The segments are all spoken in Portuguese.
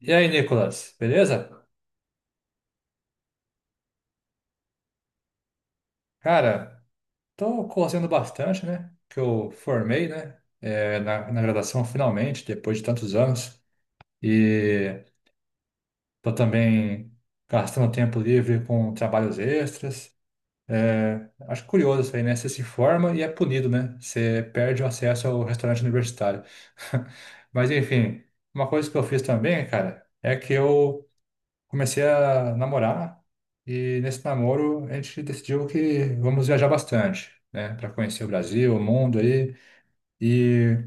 E aí, Nicolas, beleza? Cara, tô correndo bastante, né? Que eu formei, né? Na graduação, finalmente, depois de tantos anos. E tô também gastando tempo livre com trabalhos extras. É, acho curioso isso aí, né? Você se forma e é punido, né? Você perde o acesso ao restaurante universitário. Mas, enfim, uma coisa que eu fiz também, cara, é que eu comecei a namorar e nesse namoro a gente decidiu que vamos viajar bastante, né, para conhecer o Brasil, o mundo aí. E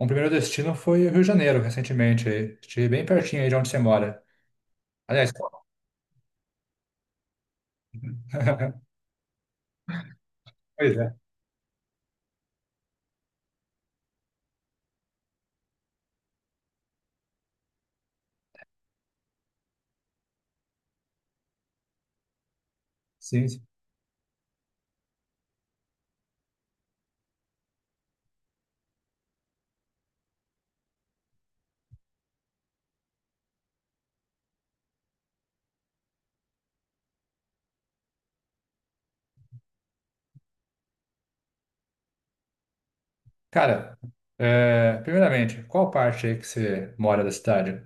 um primeiro destino foi o Rio de Janeiro, recentemente, aí. Estive bem pertinho aí de onde você mora. Aliás, pois é, sim. Sim. Cara, primeiramente, qual parte aí que você mora da cidade?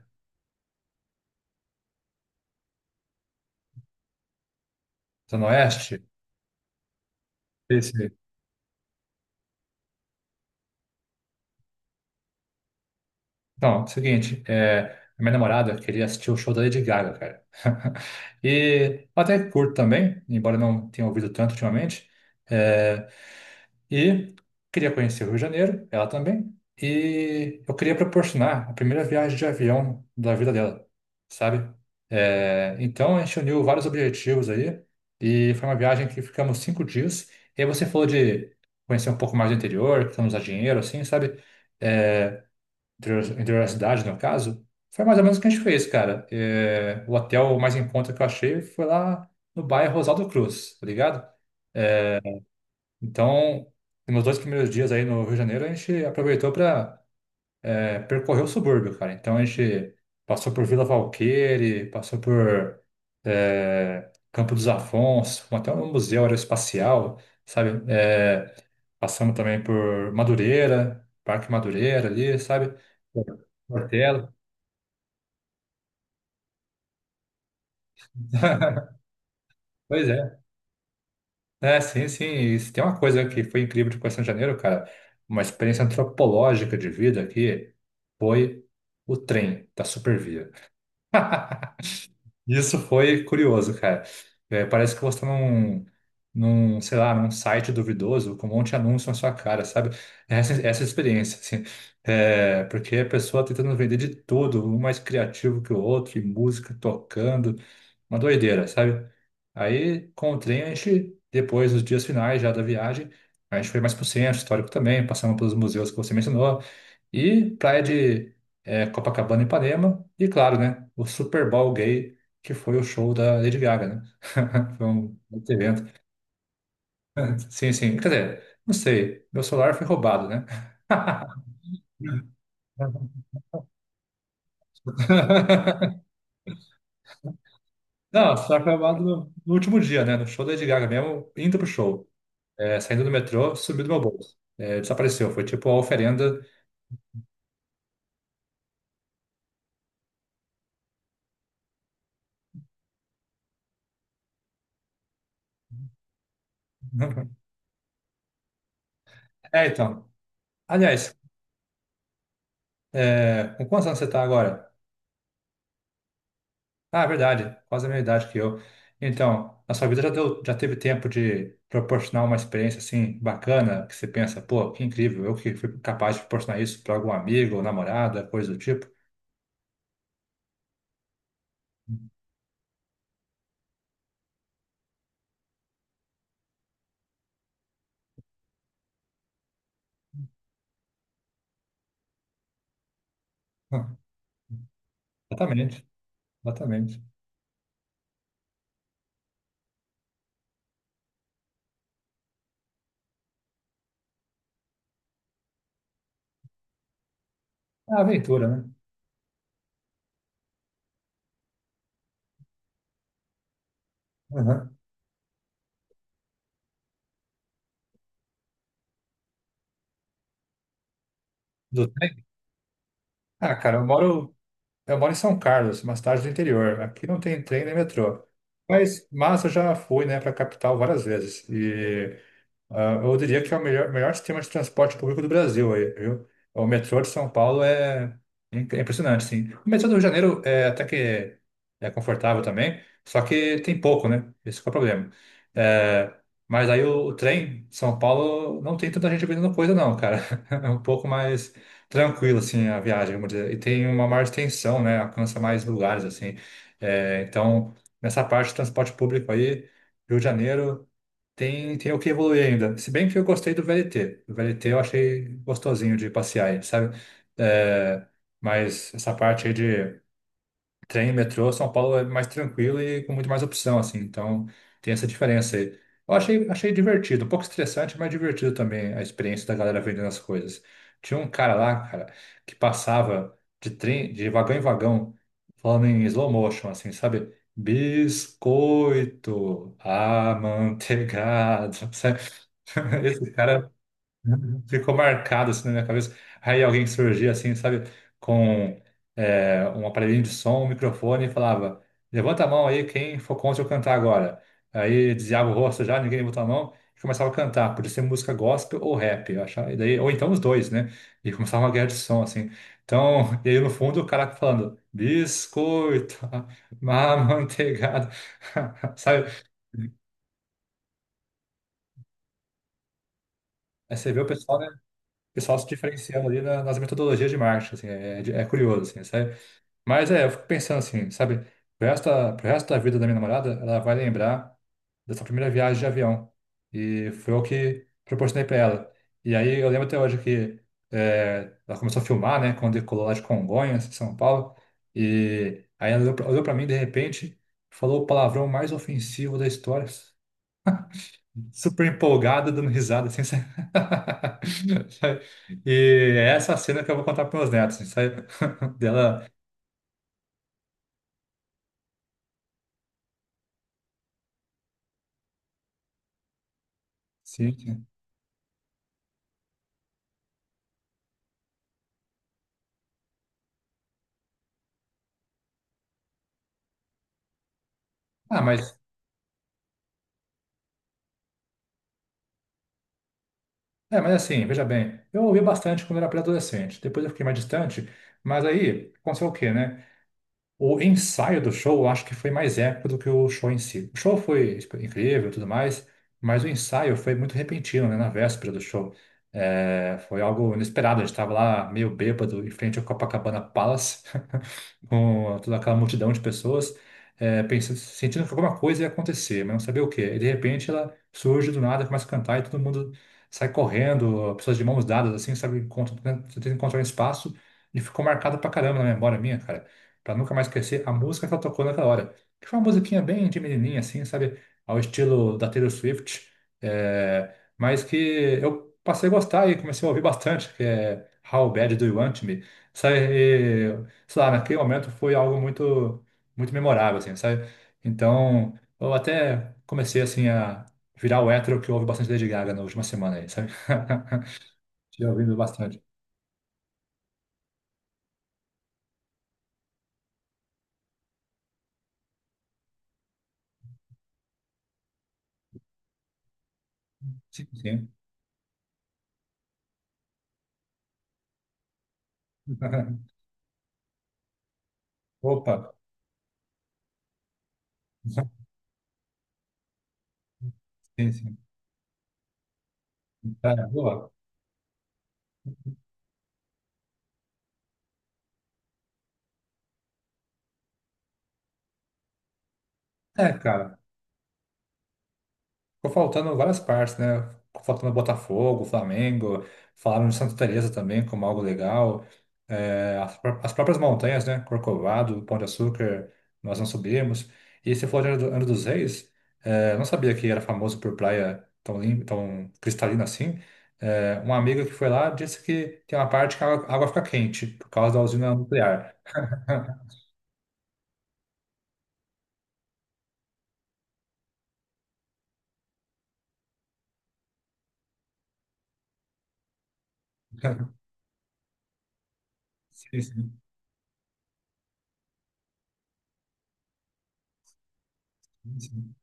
Zona Oeste? Então, seguinte, a minha namorada queria assistir o show da Lady Gaga, cara. E eu até curto também, embora não tenha ouvido tanto ultimamente. É, e queria conhecer o Rio de Janeiro, ela também. E eu queria proporcionar a primeira viagem de avião da vida dela, sabe? É, então a gente uniu vários objetivos aí. E foi uma viagem que ficamos cinco dias. E aí você falou de conhecer um pouco mais do interior, que não usar dinheiro, assim, sabe? É, interior da cidade, no caso, foi mais ou menos o que a gente fez, cara. É, o hotel mais em conta que eu achei foi lá no bairro Rosaldo Cruz, tá ligado? Então, nos dois primeiros dias aí no Rio de Janeiro, a gente aproveitou para percorrer o subúrbio, cara. Então, a gente passou por Vila Valqueire, passou por Campo dos Afonsos, fomos até um museu aeroespacial, sabe? É, passamos também por Madureira, Parque Madureira ali, sabe? Portela. Pois é. É, sim, sim. E se tem uma coisa que foi incrível de Coração de Janeiro, cara, uma experiência antropológica de vida aqui, foi o trem da Supervia. Isso foi curioso, cara. É, parece que você tá sei lá, num site duvidoso com um monte de anúncio na sua cara, sabe? É essa experiência, assim. É, porque a pessoa tentando vender de tudo, um mais criativo que o outro, e música tocando. Uma doideira, sabe? Aí, com o trem, a gente, depois, nos dias finais já da viagem, a gente foi mais pro centro histórico também, passamos pelos museus que você mencionou, e praia de Copacabana e Ipanema, e claro, né, o Super Bowl gay, que foi o show da Lady Gaga, né? Foi um outro evento. Sim, sim, quer dizer, não sei, meu celular foi roubado, né? Não, só foi roubado no último dia, né, no show da Lady Gaga mesmo, indo pro show. É, saindo do metrô, subiu do meu bolso. É, desapareceu. Foi tipo a oferenda. É, então. Aliás, é, com quantos anos você está agora? Ah, é verdade. Quase a mesma idade que eu. Então, na sua vida já deu, já teve tempo de proporcionar uma experiência assim bacana, que você pensa, pô, que incrível, eu que fui capaz de proporcionar isso para algum amigo ou namorada, coisa do tipo. Hum, exatamente, exatamente. É uma aventura, né? Aham. Do trem? Ah, cara, eu moro em São Carlos, uma cidade do interior. Aqui não tem trem nem metrô. Mas eu já fui, né, para a capital várias vezes. E ah, eu diria que é o melhor sistema de transporte público do Brasil aí, viu? O metrô de São Paulo é é impressionante, sim. O metrô do Rio de Janeiro é até que é confortável também, só que tem pouco, né? Esse que é o problema. É, mas aí o trem de São Paulo não tem tanta gente vendendo coisa, não, cara. É um pouco mais tranquilo, assim, a viagem, vamos dizer. E tem uma maior extensão, né? Alcança mais lugares, assim. É, então, nessa parte de transporte público aí, Rio de Janeiro. Tem o que evoluir ainda. Se bem que eu gostei do VLT. O VLT eu achei gostosinho de passear, aí, sabe? É, mas essa parte aí de trem, metrô, São Paulo é mais tranquilo e com muito mais opção, assim. Então, tem essa diferença aí. Achei divertido, um pouco estressante, mas divertido também a experiência da galera vendendo as coisas. Tinha um cara lá, cara, que passava de trem, de vagão em vagão, falando em slow motion, assim, sabe? Biscoito amanteigado, sabe? Esse cara ficou marcado assim na minha cabeça. Aí alguém surgia assim, sabe, com um aparelhinho de som, um microfone e falava: "Levanta a mão aí, quem for contra eu cantar agora." Aí desviava o rosto já, ninguém levantou a mão e começava a cantar. Podia ser música gospel ou rap, eu achava, e daí, ou então os dois, né? E começava uma guerra de som assim. Então, e aí no fundo o cara falando: "Biscoito, má manteigada", sabe? Aí você vê o pessoal, né? Pessoal se diferenciando ali na- nas metodologias de marketing, assim, é curioso, assim, sabe? Mas é, eu fico pensando assim, sabe? Pro resto da vida da minha namorada, ela vai lembrar dessa primeira viagem de avião. E foi o que proporcionei para ela. E aí eu lembro até hoje que ela começou a filmar, né? Quando decolou lá de Congonhas, em São Paulo. E aí ela olhou para mim de repente, falou o palavrão mais ofensivo da história, super empolgada dando risada, assim, sabe? E é essa cena que eu vou contar para meus netos, assim, sabe? Dela, sim. Sim. Ah, mas, mas assim, veja bem, eu ouvi bastante quando era pré-adolescente, depois eu fiquei mais distante, mas aí, aconteceu o quê, né? O ensaio do show, eu acho que foi mais épico do que o show em si. O show foi incrível e tudo mais, mas o ensaio foi muito repentino, né, na véspera do show. É, foi algo inesperado, a gente estava lá meio bêbado em frente ao Copacabana Palace, com toda aquela multidão de pessoas, é, pensando, sentindo que alguma coisa ia acontecer, mas não sabia o quê. E de repente ela surge do nada, começa a cantar e todo mundo sai correndo, pessoas de mãos dadas, assim, sabe, tentando encontrar um espaço e ficou marcado pra caramba na memória minha, cara, pra nunca mais esquecer a música que ela tocou naquela hora, que foi uma musiquinha bem de menininha, assim, sabe, ao estilo da Taylor Swift, é, mas que eu passei a gostar e comecei a ouvir bastante, que é "How Bad Do You Want Me?" Sabe, sei lá, naquele momento foi algo muito, muito memorável, assim, sabe? Então, eu até comecei, assim, a virar o hétero que ouve bastante Lady Gaga na última semana aí, sabe? Tinha ouvido bastante. Sim, sim. Opa, sim, sim. Tá, boa. É, cara. Ficou faltando várias partes, né? Ficou faltando Botafogo, Flamengo, falaram de Santa Teresa também como algo legal. É, as próprias montanhas, né? Corcovado, Pão de Açúcar, nós não subimos. E você falou de Angra dos Reis, é, eu não sabia que era famoso por praia tão limpa, tão cristalina assim. É, uma amiga que foi lá disse que tem uma parte que a água fica quente por causa da usina nuclear. Sim, sim, sim.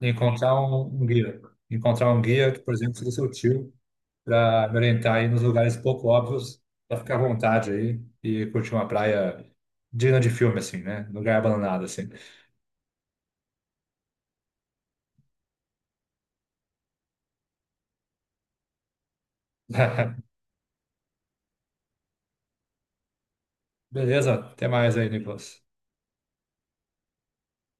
Um guia. Encontrar um guia que, por exemplo, seja seu tio, para me orientar aí nos lugares pouco óbvios, para ficar à vontade aí e curtir uma praia digna de filme, assim, né? Lugar abandonado, assim. Beleza? Até mais aí, Nicolas.